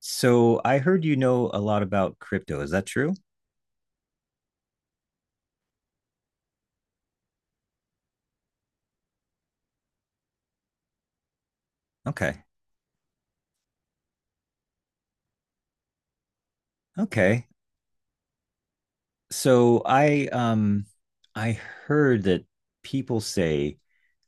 So I heard you know a lot about crypto. Is that true? Okay. Okay. So I heard that people say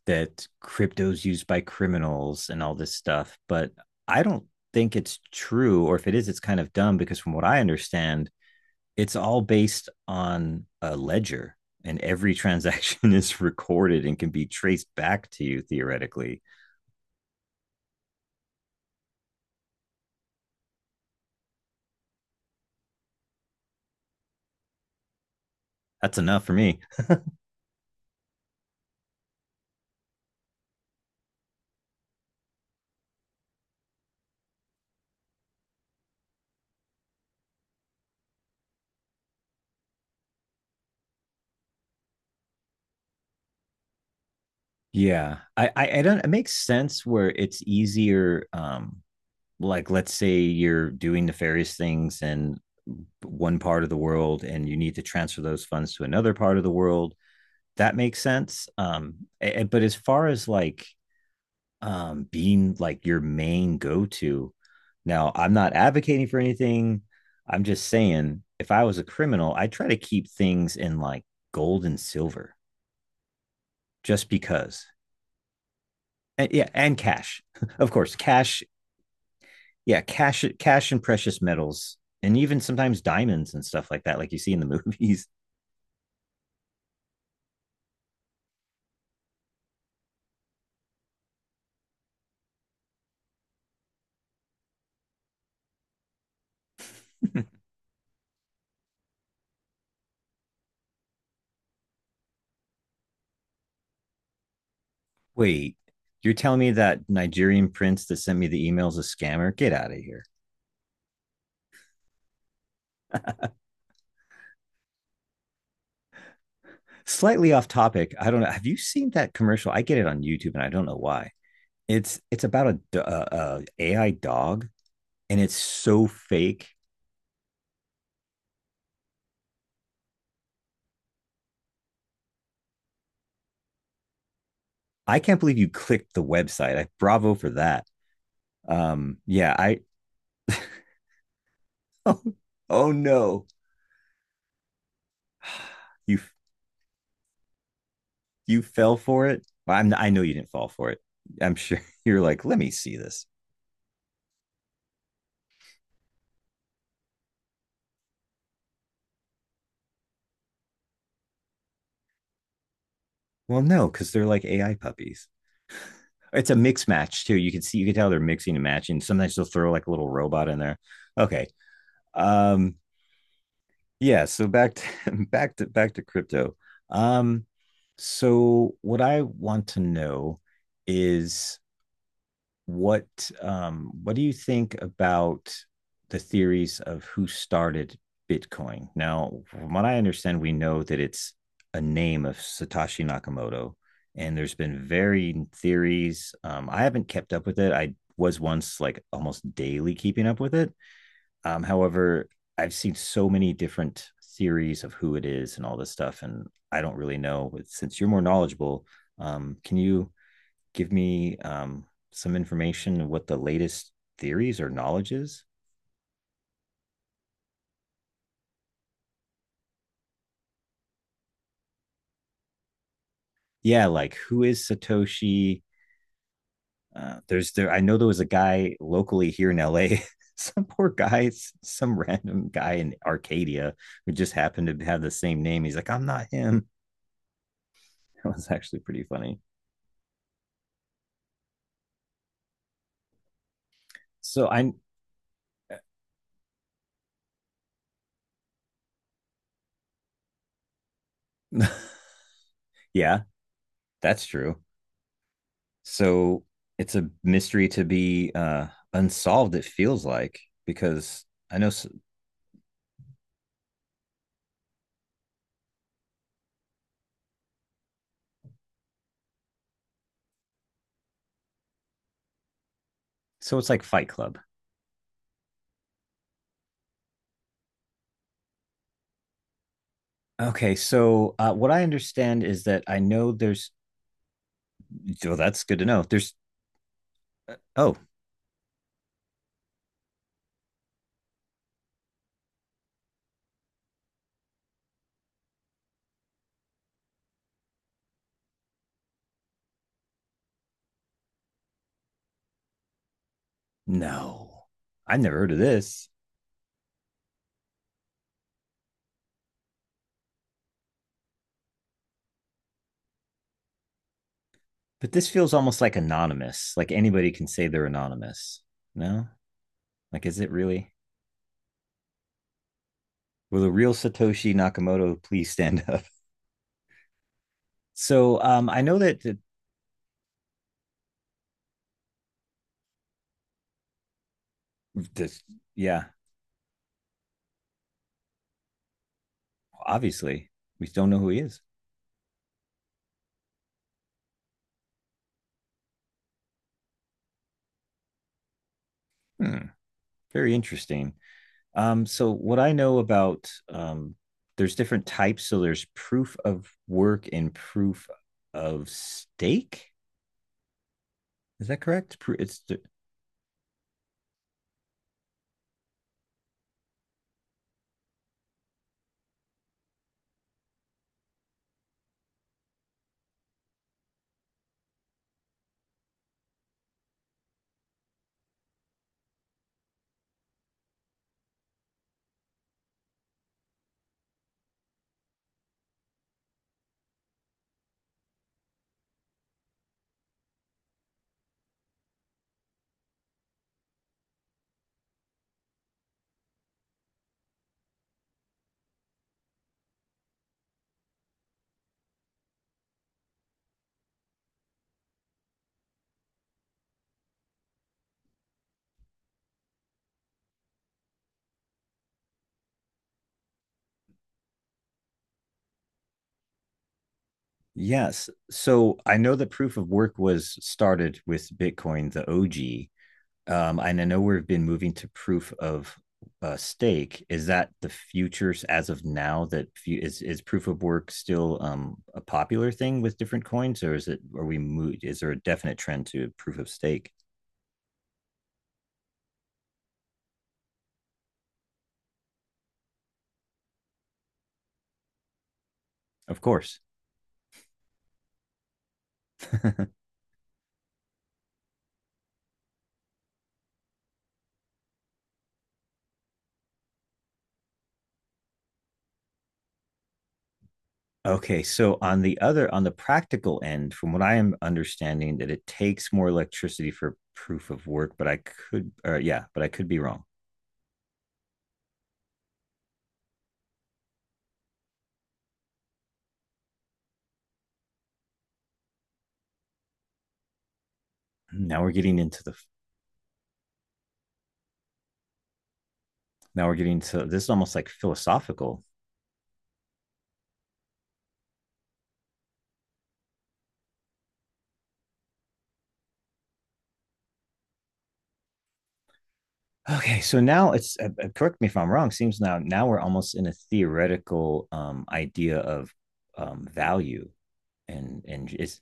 that crypto's used by criminals and all this stuff, but I don't think it's true, or if it is, it's kind of dumb because from what I understand, it's all based on a ledger and every transaction is recorded and can be traced back to you theoretically. That's enough for me. Yeah. I don't it makes sense where it's easier like let's say you're doing nefarious things in one part of the world and you need to transfer those funds to another part of the world. That makes sense. But as far as like being like your main go-to, now I'm not advocating for anything. I'm just saying if I was a criminal, I try to keep things in like gold and silver just because and, yeah, and cash, of course, cash. Yeah, cash, cash, and precious metals, and even sometimes diamonds and stuff like that, like you see in the movies. Wait, you're telling me that Nigerian prince that sent me the email is a scammer? Get out of here. Slightly off topic. I don't know. Have you seen that commercial? I get it on YouTube, and I don't know why. It's about a AI dog, and it's so fake. I can't believe you clicked the website. I bravo for that. Yeah, I oh, oh no. you you fell for it. Well, I know you didn't fall for it. I'm sure you're like, let me see this. Well, no, because they're like AI puppies. It's a mix match too. You can see, you can tell they're mixing and matching. Sometimes they'll throw like a little robot in there. Okay. Um. Yeah. So back to back to crypto. Um. So what I want to know is what do you think about the theories of who started Bitcoin? Now, from what I understand, we know that it's a name of Satoshi Nakamoto, and there's been varying theories. I haven't kept up with it. I was once like almost daily keeping up with it. However, I've seen so many different theories of who it is and all this stuff, and I don't really know. Since you're more knowledgeable, can you give me some information of what the latest theories or knowledge is? Yeah, like who is Satoshi? There's there. I know there was a guy locally here in LA. Some poor guy, some random guy in Arcadia who just happened to have the same name. He's like, I'm not him. That was actually pretty funny. So I, yeah, that's true. So it's a mystery to be unsolved. It feels like because I know. So, so it's like Fight Club. Okay, so what I understand is that I know there's. Well, that's good to know. There's. Oh no, I've never heard of this. But this feels almost like anonymous. Like anybody can say they're anonymous. No, like is it really? Will the real Satoshi Nakamoto please stand up? So I know that this. Yeah, obviously we don't know who he is. Hmm, very interesting. So what I know about there's different types. So there's proof of work and proof of stake. Is that correct? It's yes. So I know that proof of work was started with Bitcoin, the OG. And I know we've been moving to proof of stake. Is that the futures as of now? That is is proof of work still a popular thing with different coins, or is it? Are we moved? Is there a definite trend to proof of stake? Of course. Okay, so on the other, on the practical end, from what I am understanding, that it takes more electricity for proof of work, but I could, or yeah, but I could be wrong. Now we're getting into the, now we're getting to this is almost like philosophical. Okay, so now it's correct me if I'm wrong. Seems now we're almost in a theoretical idea of value, and is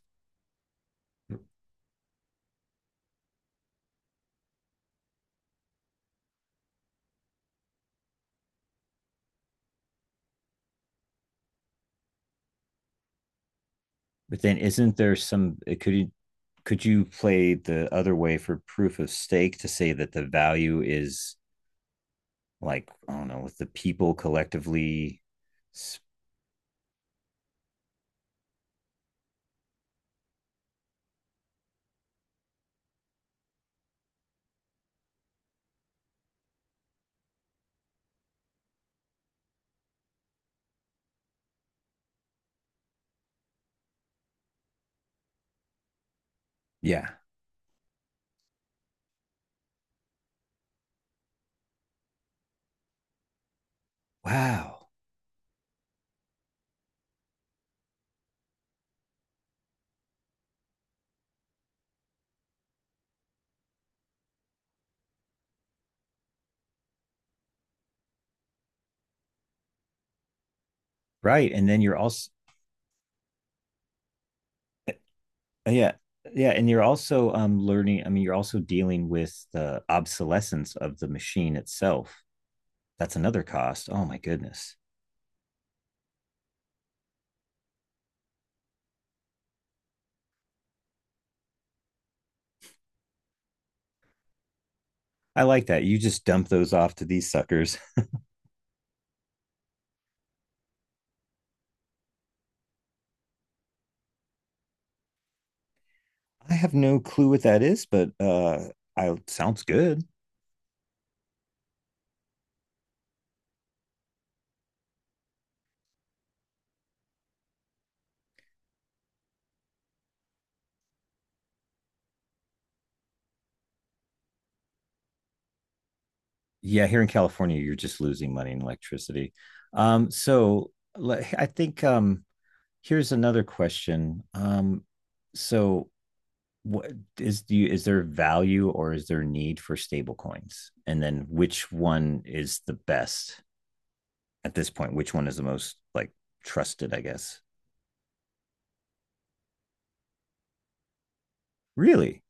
but then isn't there some could you play the other way for proof of stake to say that the value is like I don't know, with the people collectively. Yeah. Wow. Right. And then you're also yeah. Yeah, and you're also learning, I mean, you're also dealing with the obsolescence of the machine itself. That's another cost. Oh my goodness. I like that. You just dump those off to these suckers. I have no clue what that is, but I sounds good. Yeah, here in California, you're just losing money in electricity. Um, so like, I think here's another question. So what is do you is there value or is there need for stable coins? And then which one is the best at this point? Which one is the most like trusted, I guess? Really?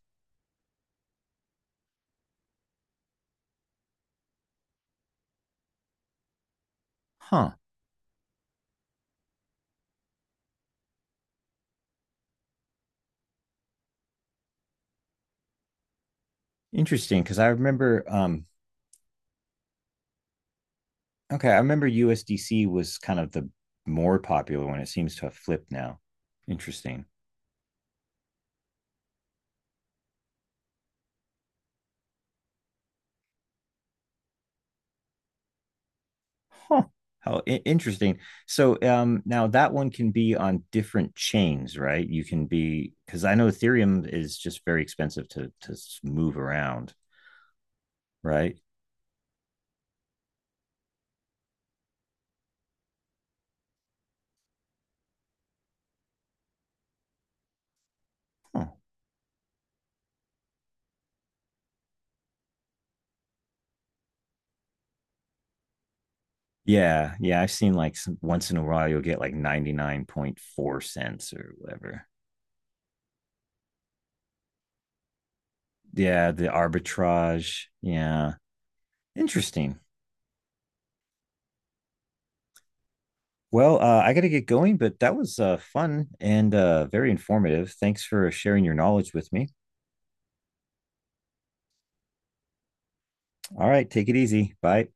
Huh. Interesting. Cause I remember okay, I remember USDC was kind of the more popular one. It seems to have flipped now. Interesting. Huh. How interesting. So now that one can be on different chains, right? You can be because I know Ethereum is just very expensive to move around, right? Huh. Yeah, yeah. I've seen like some, once in a while you'll get like 99.4 cents or whatever. Yeah, the arbitrage. Yeah. Interesting. Well, I got to get going, but that was fun and very informative. Thanks for sharing your knowledge with me. All right, take it easy. Bye.